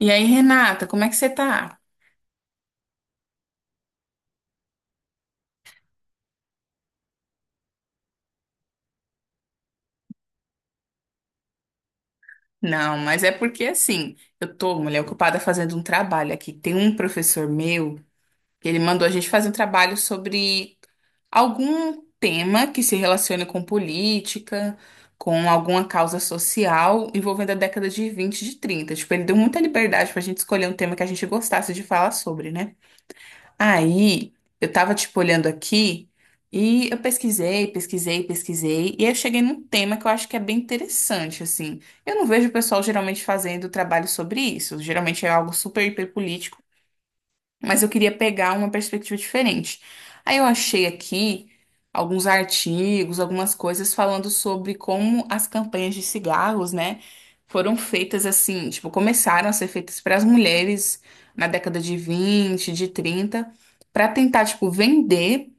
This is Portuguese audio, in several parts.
E aí, Renata, como é que você tá? Não, mas é porque assim, eu tô, mulher, ocupada fazendo um trabalho aqui. Tem um professor meu que ele mandou a gente fazer um trabalho sobre algum tema que se relacione com política, com alguma causa social envolvendo a década de 20 de 30. Tipo, ele deu muita liberdade pra gente escolher um tema que a gente gostasse de falar sobre, né? Aí eu tava tipo olhando aqui e eu pesquisei, pesquisei, pesquisei, e aí eu cheguei num tema que eu acho que é bem interessante, assim. Eu não vejo o pessoal geralmente fazendo trabalho sobre isso. Geralmente é algo super hiperpolítico, mas eu queria pegar uma perspectiva diferente. Aí eu achei aqui alguns artigos, algumas coisas falando sobre como as campanhas de cigarros, né, foram feitas assim, tipo, começaram a ser feitas para as mulheres na década de 20, de 30, para tentar, tipo, vender.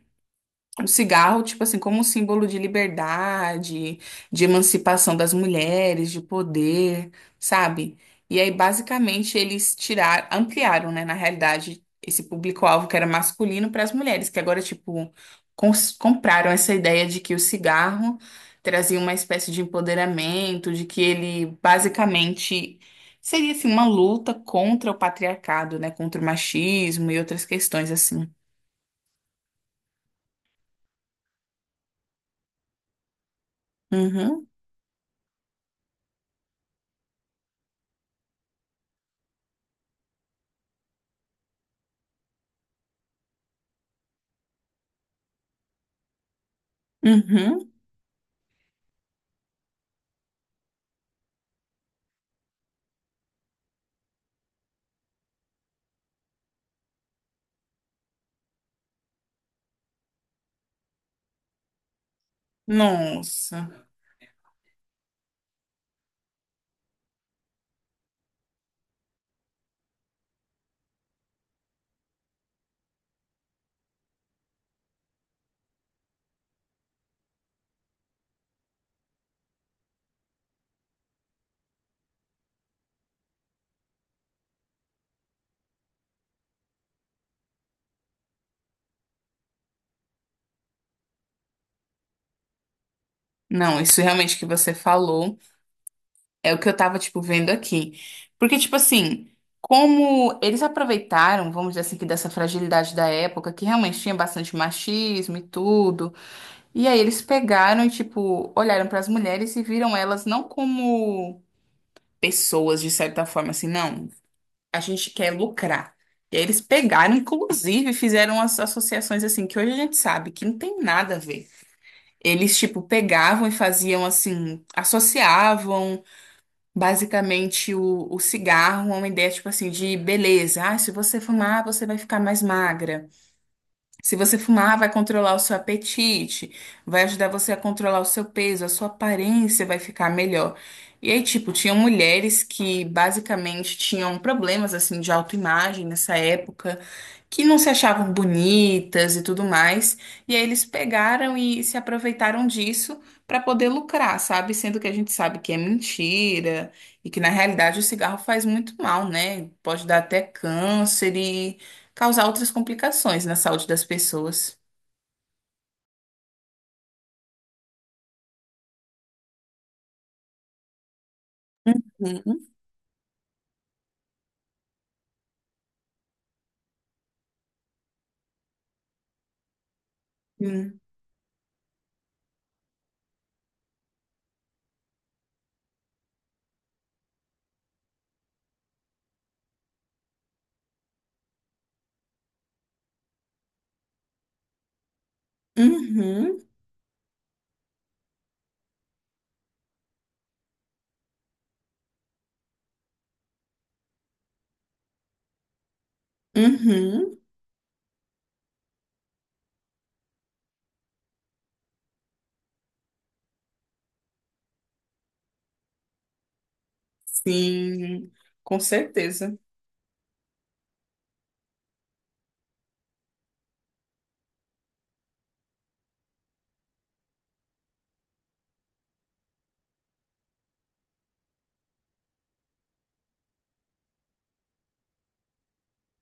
O cigarro, tipo assim, como um símbolo de liberdade, de emancipação das mulheres, de poder, sabe? E aí, basicamente, eles tiraram, ampliaram, né, na realidade, esse público-alvo que era masculino para as mulheres, que agora, tipo, compraram essa ideia de que o cigarro trazia uma espécie de empoderamento, de que ele, basicamente, seria, assim, uma luta contra o patriarcado, né, contra o machismo e outras questões, assim. Uhum, uhum. Nossa. Não, isso realmente que você falou é o que eu tava, tipo, vendo aqui. Porque, tipo assim, como eles aproveitaram, vamos dizer assim, que dessa fragilidade da época, que realmente tinha bastante machismo e tudo, e aí eles pegaram e, tipo, olharam para as mulheres e viram elas não como pessoas, de certa forma, assim, não, a gente quer lucrar. E aí eles pegaram, inclusive, fizeram as associações assim, que hoje a gente sabe que não tem nada a ver. Eles, tipo, pegavam e faziam assim, associavam basicamente o cigarro a uma ideia, tipo assim, de beleza. Ah, se você fumar, você vai ficar mais magra. Se você fumar, vai controlar o seu apetite, vai ajudar você a controlar o seu peso, a sua aparência vai ficar melhor. E aí, tipo, tinham mulheres que basicamente tinham problemas assim de autoimagem nessa época, que não se achavam bonitas e tudo mais. E aí eles pegaram e se aproveitaram disso para poder lucrar, sabe? Sendo que a gente sabe que é mentira e que na realidade o cigarro faz muito mal, né? Pode dar até câncer e causar outras complicações na saúde das pessoas. Uhum, uhum, uhum, uhum, sim, com certeza.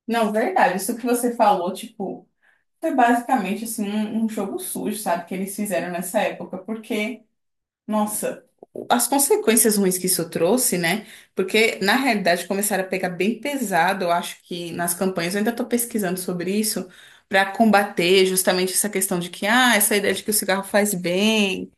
Não, verdade, isso que você falou, tipo, foi basicamente assim um jogo sujo, sabe, que eles fizeram nessa época, porque, nossa, as consequências ruins que isso trouxe, né? Porque na realidade começaram a pegar bem pesado, eu acho que nas campanhas, eu ainda tô pesquisando sobre isso. Para combater justamente essa questão de que, ah, essa ideia de que o cigarro faz bem,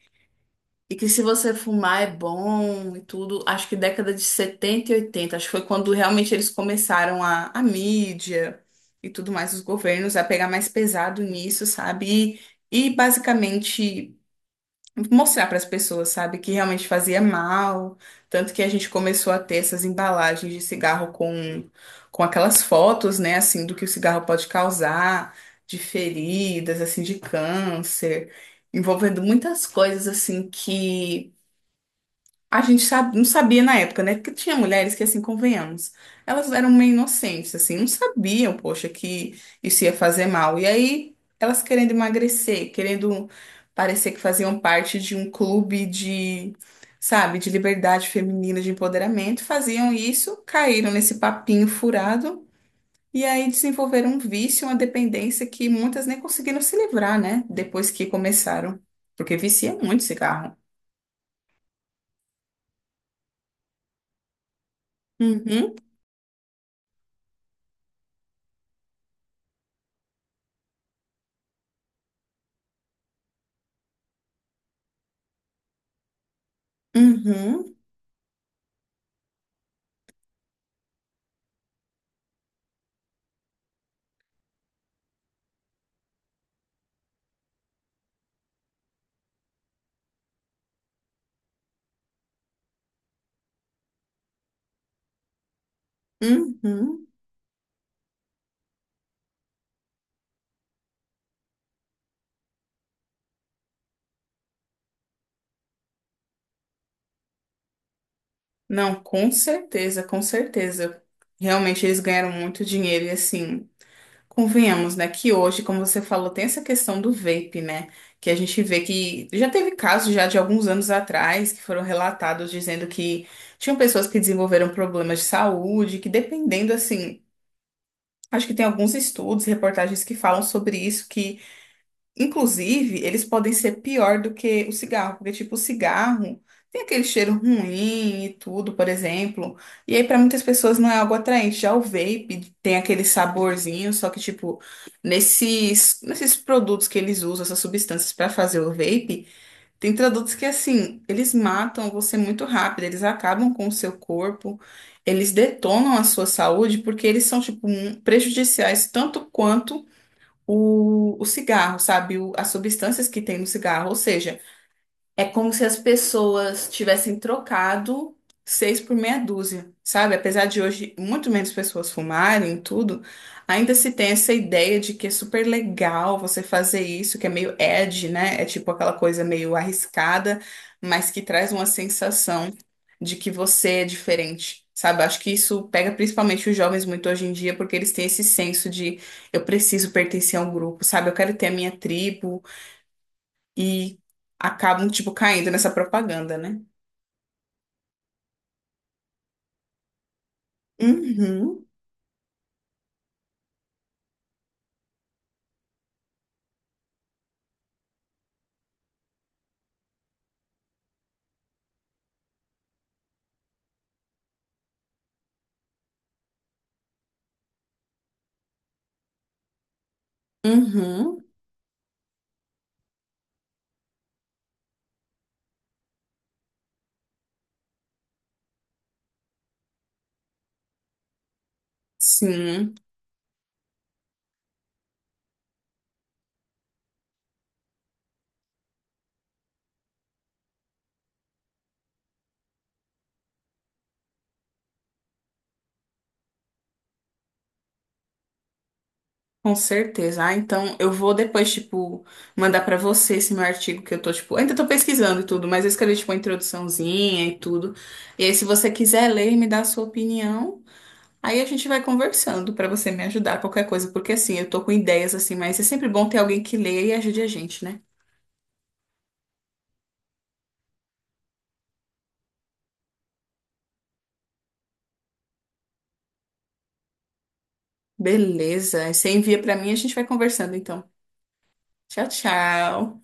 e que se você fumar é bom e tudo. Acho que década de 70 e 80 acho que foi quando realmente eles começaram a, mídia e tudo mais, os governos a pegar mais pesado nisso, sabe? E basicamente mostrar para as pessoas, sabe, que realmente fazia mal. Tanto que a gente começou a ter essas embalagens de cigarro com aquelas fotos, né, assim, do que o cigarro pode causar, de feridas, assim, de câncer, envolvendo muitas coisas, assim, que a gente não sabia na época, né? Porque tinha mulheres que, assim, convenhamos, elas eram meio inocentes, assim, não sabiam, poxa, que isso ia fazer mal. E aí, elas querendo emagrecer, querendo parecer que faziam parte de um clube de, sabe, de liberdade feminina, de empoderamento, faziam isso, caíram nesse papinho furado. E aí desenvolveram um vício, uma dependência que muitas nem conseguiram se livrar, né? Depois que começaram. Porque vicia muito cigarro. Uhum, uhum. Uhum. Não, com certeza, com certeza. Realmente eles ganharam muito dinheiro e assim, convenhamos, né, que hoje, como você falou, tem essa questão do vape, né, que a gente vê que já teve casos já de alguns anos atrás que foram relatados dizendo que tinham pessoas que desenvolveram problemas de saúde, que dependendo assim, acho que tem alguns estudos, reportagens que falam sobre isso, que inclusive, eles podem ser pior do que o cigarro, porque, tipo, o cigarro tem aquele cheiro ruim e tudo, por exemplo. E aí, para muitas pessoas, não é algo atraente. Já o vape tem aquele saborzinho, só que, tipo, nesses produtos que eles usam, essas substâncias para fazer o vape, tem produtos que, assim, eles matam você muito rápido, eles acabam com o seu corpo. Eles detonam a sua saúde porque eles são, tipo, prejudiciais tanto quanto o cigarro, sabe? As substâncias que tem no cigarro. Ou seja, é como se as pessoas tivessem trocado seis por meia dúzia, sabe? Apesar de hoje muito menos pessoas fumarem e tudo, ainda se tem essa ideia de que é super legal você fazer isso, que é meio edgy, né? É tipo aquela coisa meio arriscada, mas que traz uma sensação de que você é diferente. Sabe, acho que isso pega principalmente os jovens muito hoje em dia, porque eles têm esse senso de eu preciso pertencer a um grupo, sabe? Eu quero ter a minha tribo, e acabam, tipo, caindo nessa propaganda, né? Uhum, uhum, sim, com certeza. Ah, então eu vou depois, tipo, mandar pra você esse meu artigo que eu tô, tipo, ainda tô pesquisando e tudo, mas eu escrevi, tipo, uma introduçãozinha e tudo. E aí, se você quiser ler e me dar a sua opinião, aí a gente vai conversando pra você me ajudar, qualquer coisa, porque assim, eu tô com ideias assim, mas é sempre bom ter alguém que leia e ajude a gente, né? Beleza, aí você envia pra mim e a gente vai conversando, então. Tchau, tchau.